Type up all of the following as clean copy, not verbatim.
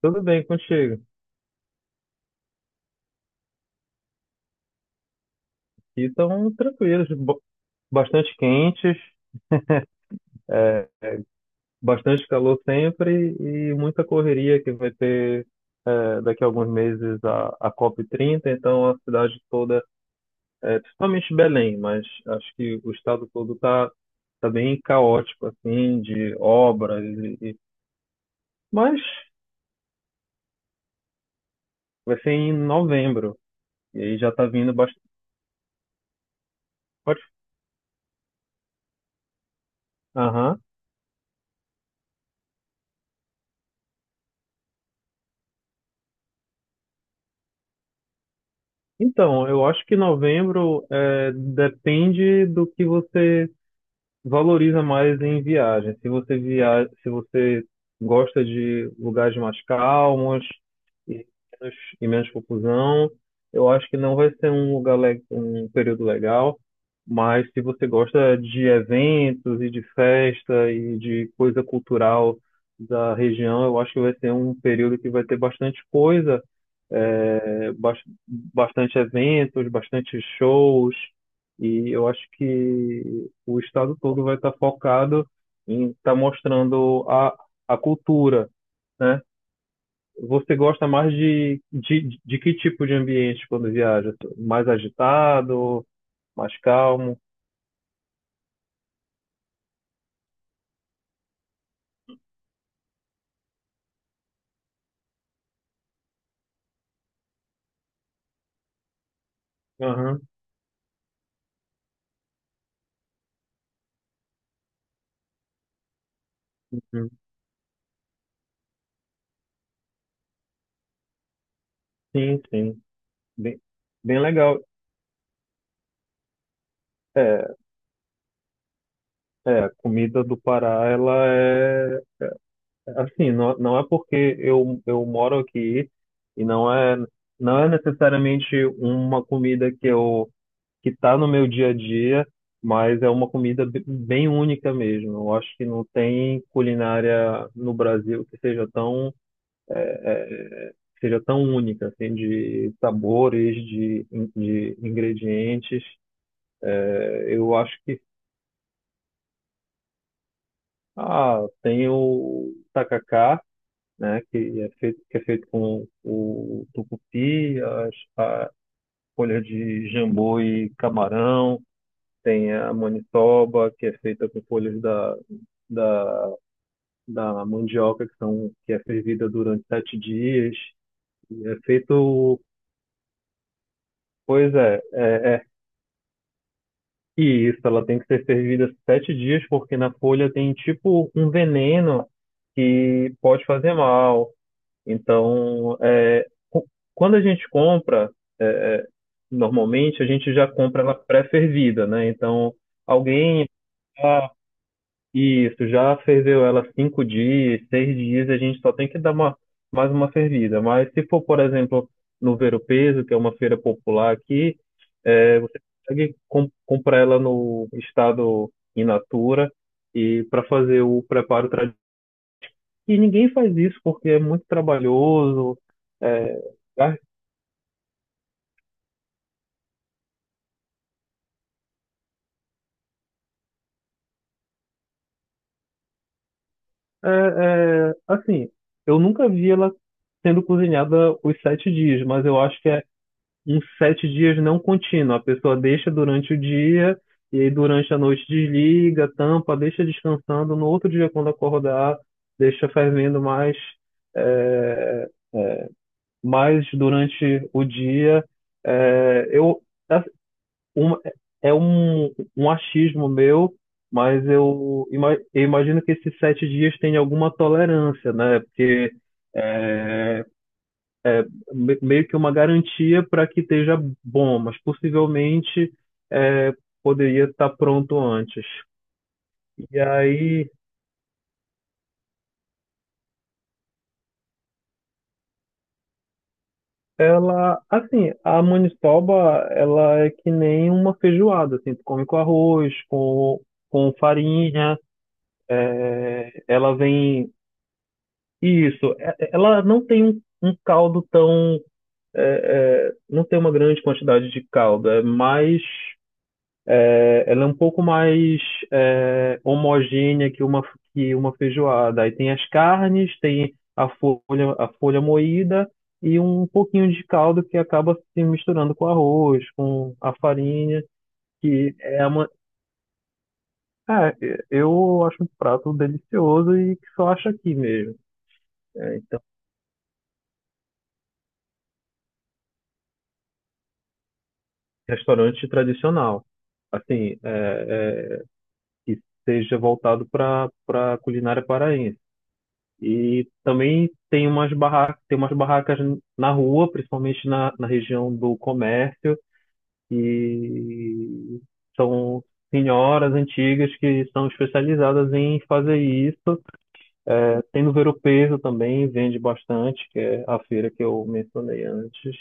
Tudo bem contigo? E estão tranquilos, bastante quentes, bastante calor sempre e muita correria que vai ter daqui a alguns meses a COP30. Então a cidade toda, principalmente Belém, mas acho que o estado todo tá bem caótico, assim, de obras. Mas vai ser em novembro e aí já tá vindo bastante. Aham. Então, eu acho que novembro depende do que você valoriza mais em viagem. Se você gosta de lugares mais calmos e menos, e menos confusão, eu acho que não vai ser um um período legal. Mas se você gosta de eventos e de festa e de coisa cultural da região, eu acho que vai ser um período que vai ter bastante coisa, é, bas- bastante eventos, bastante shows. E eu acho que o estado todo vai estar focado em estar mostrando a cultura, né? Você gosta mais de que tipo de ambiente quando viaja? Mais agitado, mais calmo? Aham, uhum. Sim, sim. Bem, bem legal. É, é, a comida do Pará, ela é assim, não, não é porque eu moro aqui e não é, não é necessariamente uma comida que eu que está no meu dia a dia, mas é uma comida bem única mesmo. Eu acho que não tem culinária no Brasil que seja tão, que seja tão única, assim, de sabores, de ingredientes. Eu acho que ah, tem o tacacá, né, que é feito com o tucupi, a folha de jambu e camarão. Tem a maniçoba, que é feita com folhas da, da mandioca, que é fervida durante 7 dias. E é feito. Pois é, é, é. E isso, ela tem que ser fervida 7 dias, porque na folha tem tipo um veneno que pode fazer mal. Então, quando a gente compra, é, é, normalmente a gente já compra ela pré-fervida, né? Então, alguém. Isso, já ferveu ela 5 dias, 6 dias, a gente só tem que dar uma, mais uma fervida. Mas se for, por exemplo, no Ver Peso, que é uma feira popular aqui, é, você consegue comprar ela no estado in natura e para fazer o preparo tradicional. E ninguém faz isso porque é muito trabalhoso. É, é- É, assim, eu nunca vi ela sendo cozinhada os 7 dias, mas eu acho que é uns 7 dias não contínuo. A pessoa deixa durante o dia e aí durante a noite desliga, tampa, deixa descansando. No outro dia, quando acordar, deixa fervendo mais, é, mais durante o dia. É, eu, assim, uma- é um achismo meu, mas eu, eu imagino que esses 7 dias tenha alguma tolerância, né? Porque é, meio que uma garantia para que esteja bom, mas possivelmente é, poderia estar pronto antes. E aí ela, assim, a maniçoba, ela é que nem uma feijoada, assim, tu come com arroz, com farinha, ela vem, isso, é, ela não tem um caldo tão, é, não tem uma grande quantidade de caldo, é mais. Ela é um pouco mais é, homogênea que que uma feijoada. Aí tem as carnes, tem a folha moída e um pouquinho de caldo que acaba se misturando com arroz, com a farinha, que é uma. É, eu acho um prato delicioso e que só acho aqui mesmo. É, então, restaurante tradicional, assim, que seja voltado para para culinária paraense. E também tem umas barracas na rua, principalmente na região do comércio, e são senhoras antigas que são especializadas em fazer isso. É, tem no Ver-o-Peso também, vende bastante, que é a feira que eu mencionei antes.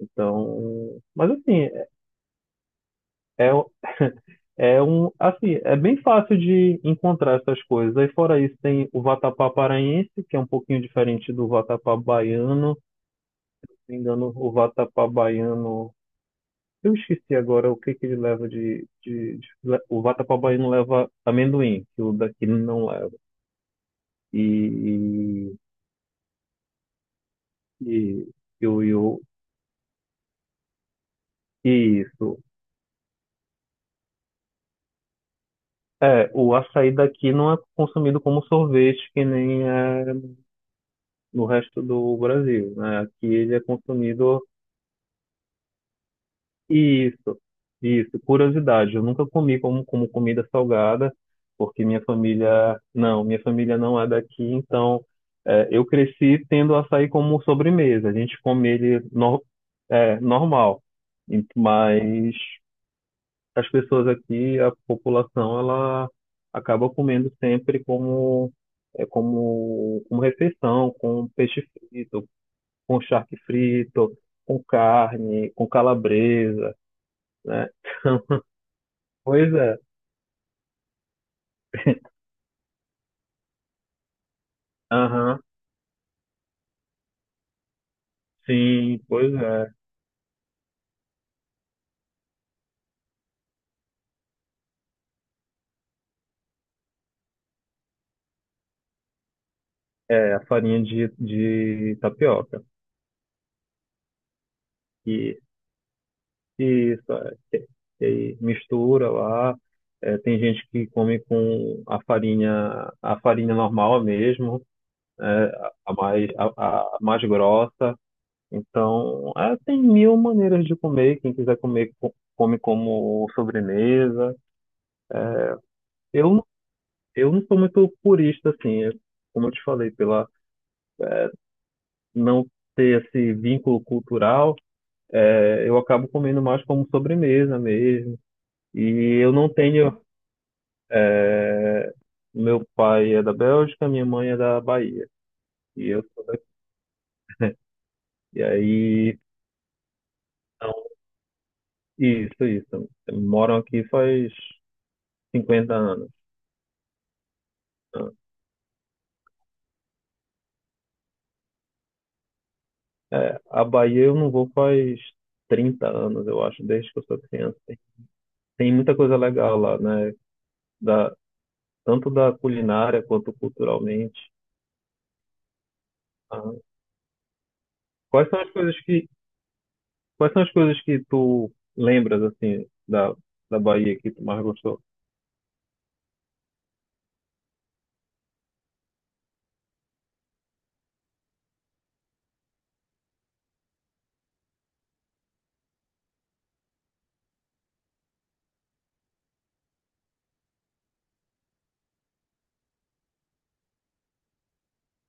Então, mas assim, é, é um, assim, é bem fácil de encontrar essas coisas. Aí fora isso tem o vatapá paraense, que é um pouquinho diferente do vatapá baiano. Me engano, o vatapá baiano. Eu esqueci agora o que que ele leva O vatapá baiano leva amendoim, que o daqui não leva. E. E. E, o- e, o- e isso. É, o açaí daqui não é consumido como sorvete, que nem é no resto do Brasil, né? Aqui ele é consumido. Isso, isso. Curiosidade, eu nunca comi como comida salgada, porque minha família não é daqui, então é, eu cresci tendo açaí como sobremesa. A gente come ele no, é, normal, mas as pessoas aqui, a população, ela acaba comendo sempre como, como refeição, com peixe frito, com charque frito, com carne, com calabresa. Né? Pois é. Aham. Sim, pois é. É a farinha de tapioca. E isso, é. E aí mistura lá. É, tem gente que come com a farinha normal mesmo, é, a mais grossa. Então, é, tem 1000 maneiras de comer. Quem quiser comer, come como sobremesa. Eu, eu não sou muito purista, assim, eu, como eu te falei, pela não ter esse vínculo cultural. É, eu acabo comendo mais como sobremesa mesmo. E eu não tenho. Meu pai é da Bélgica, minha mãe é da Bahia. E eu, e aí, então, isso, isso. Moram aqui faz 50 anos. Né? É, a Bahia eu não vou faz 30 anos, eu acho, desde que eu sou criança. Tem, tem muita coisa legal lá, né? Da, tanto da culinária quanto culturalmente. Ah, Quais são as coisas que, quais são as coisas que tu lembras, assim, da Bahia que tu mais gostou?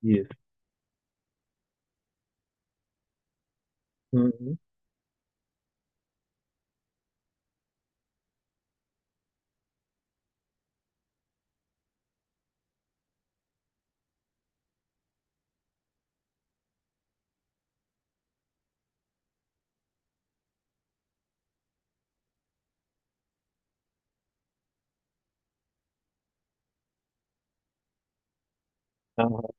Isso. Uhum. Ah,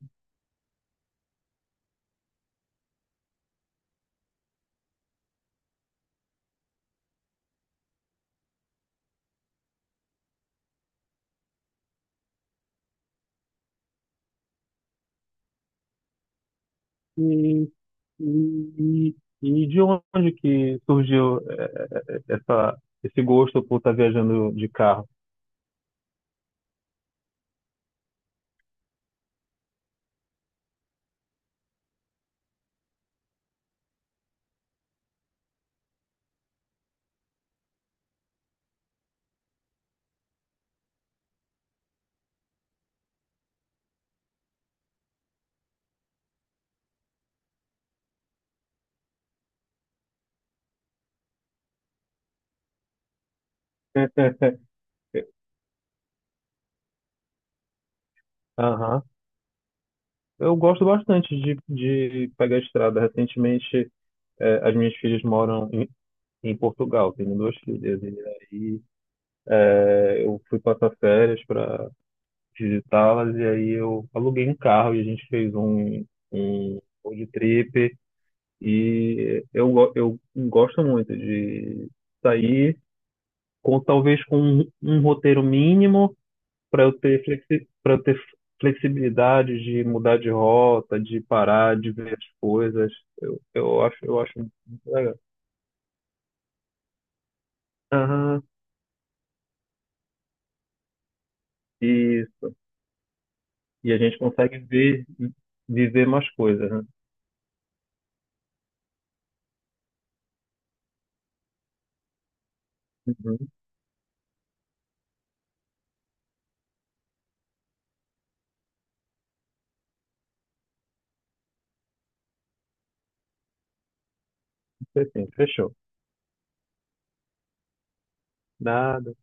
E, e, e de onde que surgiu esse gosto por estar viajando de carro? Aham. Eu gosto bastante de pegar a estrada. Recentemente, as minhas filhas moram em Portugal, tenho duas filhas, e aí eu fui passar férias para visitá-las e aí eu aluguei um carro e a gente fez um road trip e eu, eu gosto muito de sair com talvez com um roteiro mínimo para eu ter flexi, para eu ter flexibilidade de mudar de rota, de parar, de ver as coisas. Eu acho eu acho muito legal. Aham. E e a gente consegue ver viver mais coisas, né? Uhum. Isso é assim, fechou. Nada.